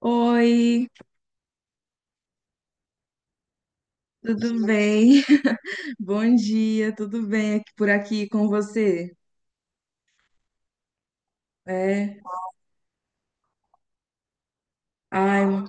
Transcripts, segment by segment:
Oi, tudo bem? Bom dia, tudo bem aqui por aqui com você? É, ai, m-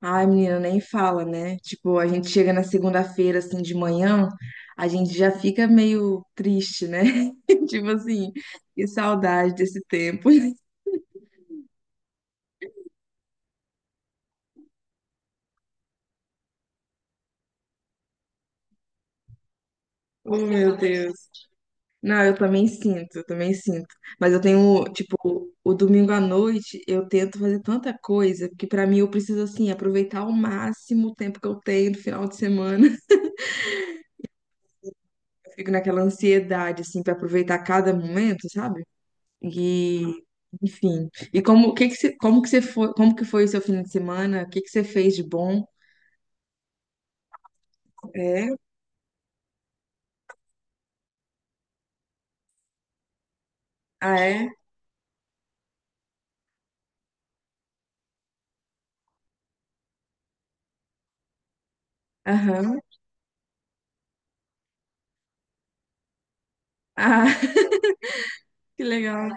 Ai, menina, nem fala, né? Tipo, a gente chega na segunda-feira assim de manhã, a gente já fica meio triste, né? Tipo assim, que saudade desse tempo. Oh, meu Deus. Não, eu também sinto. Mas eu tenho, tipo, o domingo à noite eu tento fazer tanta coisa, porque pra mim eu preciso, assim, aproveitar ao máximo o tempo que eu tenho no final de semana. Fico naquela ansiedade, assim, para aproveitar cada momento, sabe? E, Enfim. E como, o que que você, como que você foi, como que foi o seu fim de semana? O que que você fez de bom? É? Ah, é? Aham. Ah, que legal.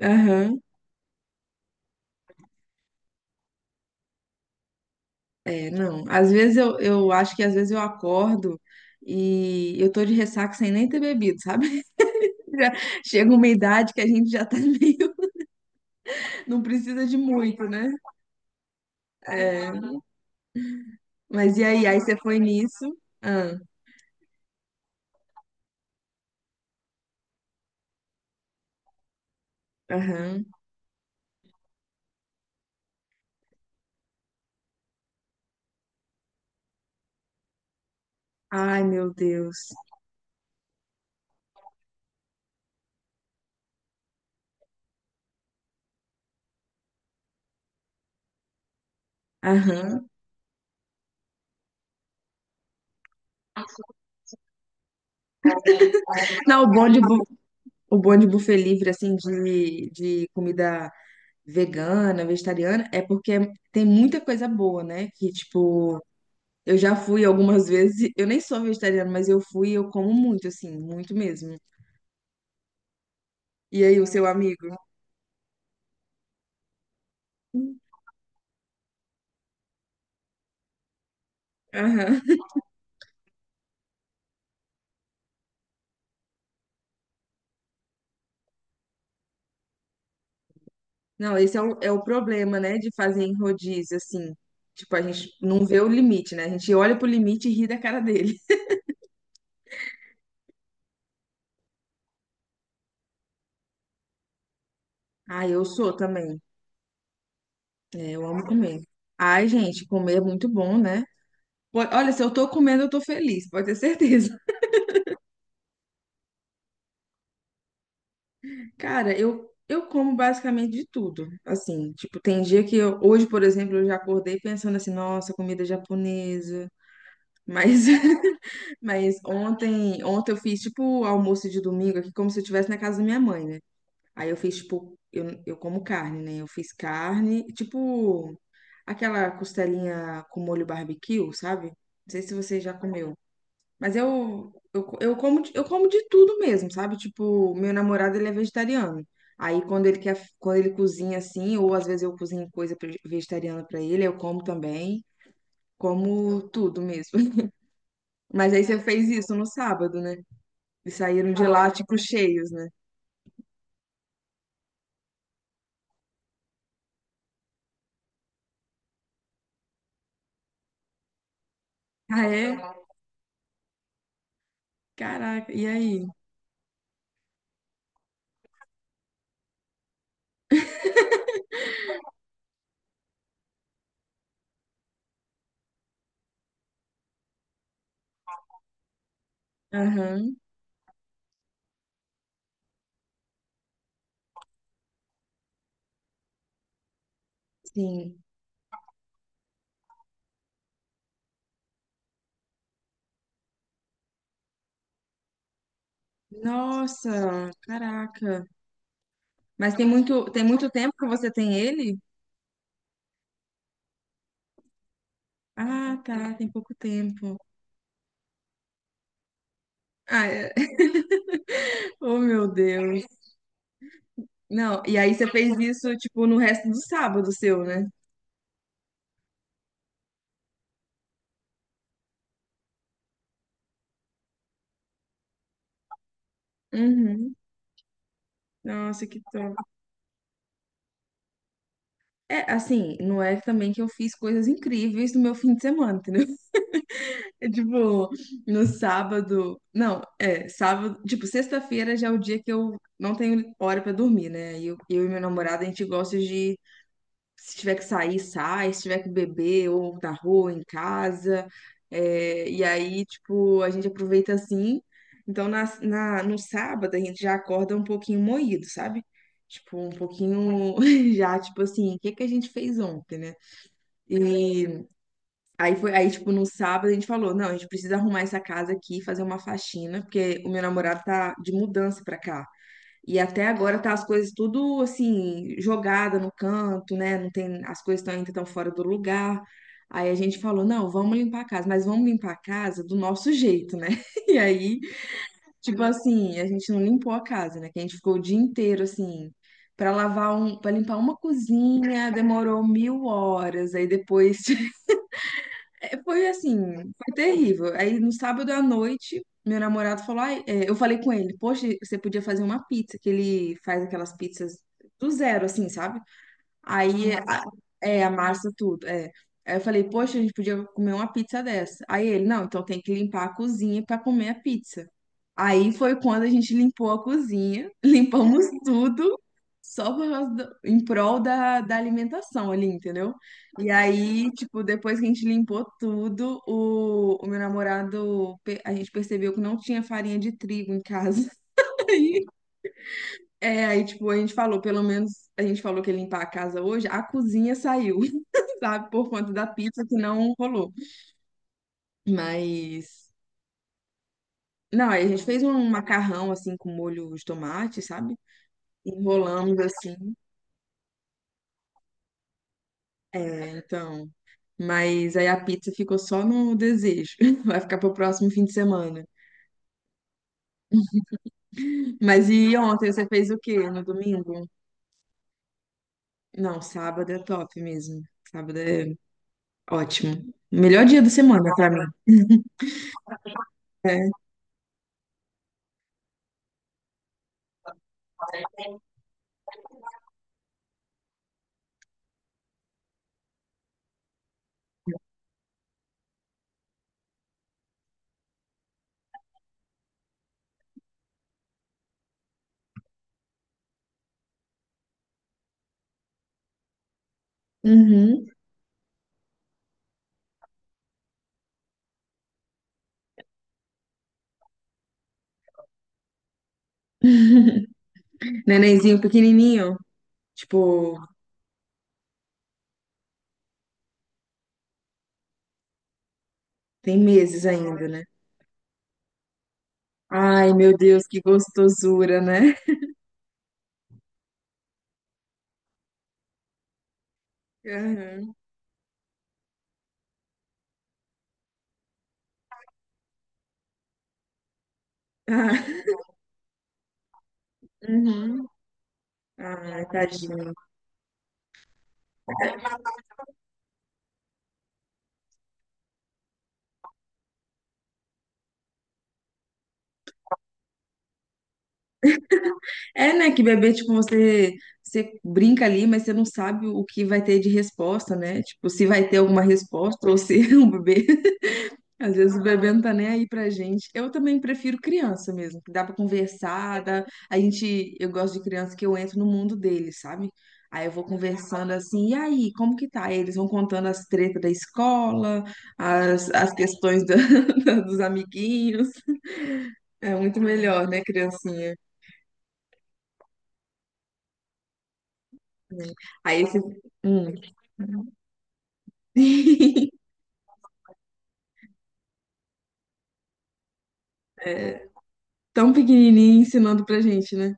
Aham. É, não. Às vezes eu acho que às vezes eu acordo e eu tô de ressaca sem nem ter bebido, sabe? Já chega uma idade que a gente já tá meio, não precisa de muito, né? É. Mas e aí? Aí você foi nisso? Ah, aham. Ai, meu Deus. Aham. Não, o bom de buffet livre, assim, de comida vegana, vegetariana, é porque tem muita coisa boa, né? Que, tipo, eu já fui algumas vezes, eu nem sou vegetariana, mas eu fui e eu como muito, assim, muito mesmo. E aí, o seu amigo? Aham. Não, é o problema, né, de fazer em rodízio, assim. Tipo, a gente não vê o limite, né? A gente olha pro limite e ri da cara dele. Ah, eu sou também. É, eu amo comer. Ai, gente, comer é muito bom, né? Po- Olha, se eu tô comendo, eu tô feliz, pode ter certeza. Cara, eu como basicamente de tudo. Assim, tipo, tem dia que eu, hoje, por exemplo, eu já acordei pensando assim, nossa, comida japonesa. Mas, mas ontem eu fiz, tipo, almoço de domingo aqui, como se eu estivesse na casa da minha mãe, né? Aí eu fiz, tipo, eu como carne, né? Eu fiz carne, tipo, aquela costelinha com molho barbecue, sabe? Não sei se você já comeu. Mas eu como de tudo mesmo, sabe? Tipo, meu namorado, ele é vegetariano. Aí, quando ele cozinha assim, ou às vezes eu cozinho coisa pre- vegetariana pra ele, eu como também. Como tudo mesmo. Mas aí você fez isso no sábado, né? E saíram de lá, tipo, cheios, né? Ah, é? Caraca, e aí? Aham, sim. Nossa, caraca. Mas tem muito tempo que você tem ele? Ah, tá, tem pouco tempo. Ah, é. Oh, meu Deus. Não, e aí você fez isso, tipo, no resto do sábado seu, né? Uhum. Nossa, que top. É, assim, não é também que eu fiz coisas incríveis no meu fim de semana, entendeu? É tipo, no sábado. Não, é, sábado. Tipo, sexta-feira já é o dia que eu não tenho hora pra dormir, né? E eu e meu namorado, a gente gosta de. Se tiver que sair, sai. Se tiver que beber, ou na rua, em casa. É, e aí, tipo, a gente aproveita assim. Então, no sábado, a gente já acorda um pouquinho moído, sabe? Tipo, um pouquinho já, tipo assim, o que que a gente fez ontem, né? E aí foi, aí, tipo, no sábado a gente falou, não, a gente precisa arrumar essa casa aqui, fazer uma faxina, porque o meu namorado tá de mudança pra cá. E até agora tá as coisas tudo assim, jogada no canto, né? Não tem, as coisas estão ainda tão fora do lugar. Aí a gente falou, não, vamos limpar a casa, mas vamos limpar a casa do nosso jeito, né? E aí, tipo assim, a gente não limpou a casa, né? Que a gente ficou o dia inteiro assim, para limpar uma cozinha, demorou mil horas. Aí depois é, foi assim, foi terrível. Aí no sábado à noite, meu namorado falou, ai, é, eu falei com ele, poxa, você podia fazer uma pizza, que ele faz aquelas pizzas do zero, assim, sabe? Aí, a- é, a massa tudo, é. Aí eu falei, poxa, a gente podia comer uma pizza dessa. Aí ele, não, então tem que limpar a cozinha para comer a pizza. Aí foi quando a gente limpou a cozinha, limpamos tudo, só por causa do- em prol da, da alimentação ali, entendeu? E aí, tipo, depois que a gente limpou tudo, o meu namorado, pe- a gente percebeu que não tinha farinha de trigo em casa. É, aí, tipo, a gente falou, pelo menos a gente falou que ia limpar a casa hoje, a cozinha saiu, sabe? Por conta da pizza que não rolou. Mas, não, aí a gente fez um macarrão, assim, com molho de tomate, sabe? Enrolamos, assim. É, então. Mas aí a pizza ficou só no desejo. Vai ficar pro próximo fim de semana. Mas e ontem você fez o quê? No domingo? Não, sábado é top mesmo. Sábado é ótimo. Melhor dia da semana pra mim. É. Uhum. Nenenzinho pequenininho, tipo, tem meses ainda, né? Ai, meu Deus, que gostosura, né? Aham. Ah, uhum. Ai, tadinho. É, né, que bebê, tipo, você brinca ali, mas você não sabe o que vai ter de resposta, né? Tipo, se vai ter alguma resposta ou se é um bebê. Às vezes o bebê não tá nem aí pra gente. Eu também prefiro criança mesmo, que dá pra conversar, dá... A gente, eu gosto de criança que eu entro no mundo deles, sabe? Aí eu vou conversando assim, e aí, como que tá? Aí eles vão contando as tretas da escola, as questões da- dos amiguinhos. É muito melhor, né, criancinha? Aí esse... Hum. É, tão pequenininho ensinando pra gente, né?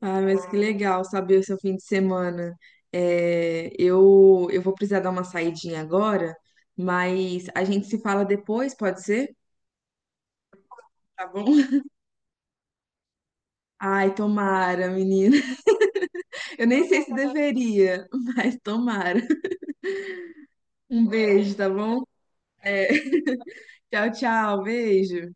Ah, mas que legal saber o seu fim de semana. É, eu vou precisar dar uma saidinha agora, mas a gente se fala depois, pode ser? Tá bom? Ai, tomara, menina. Eu nem sei se deveria, mas tomara. Um beijo, tá bom? É, tchau, beijo.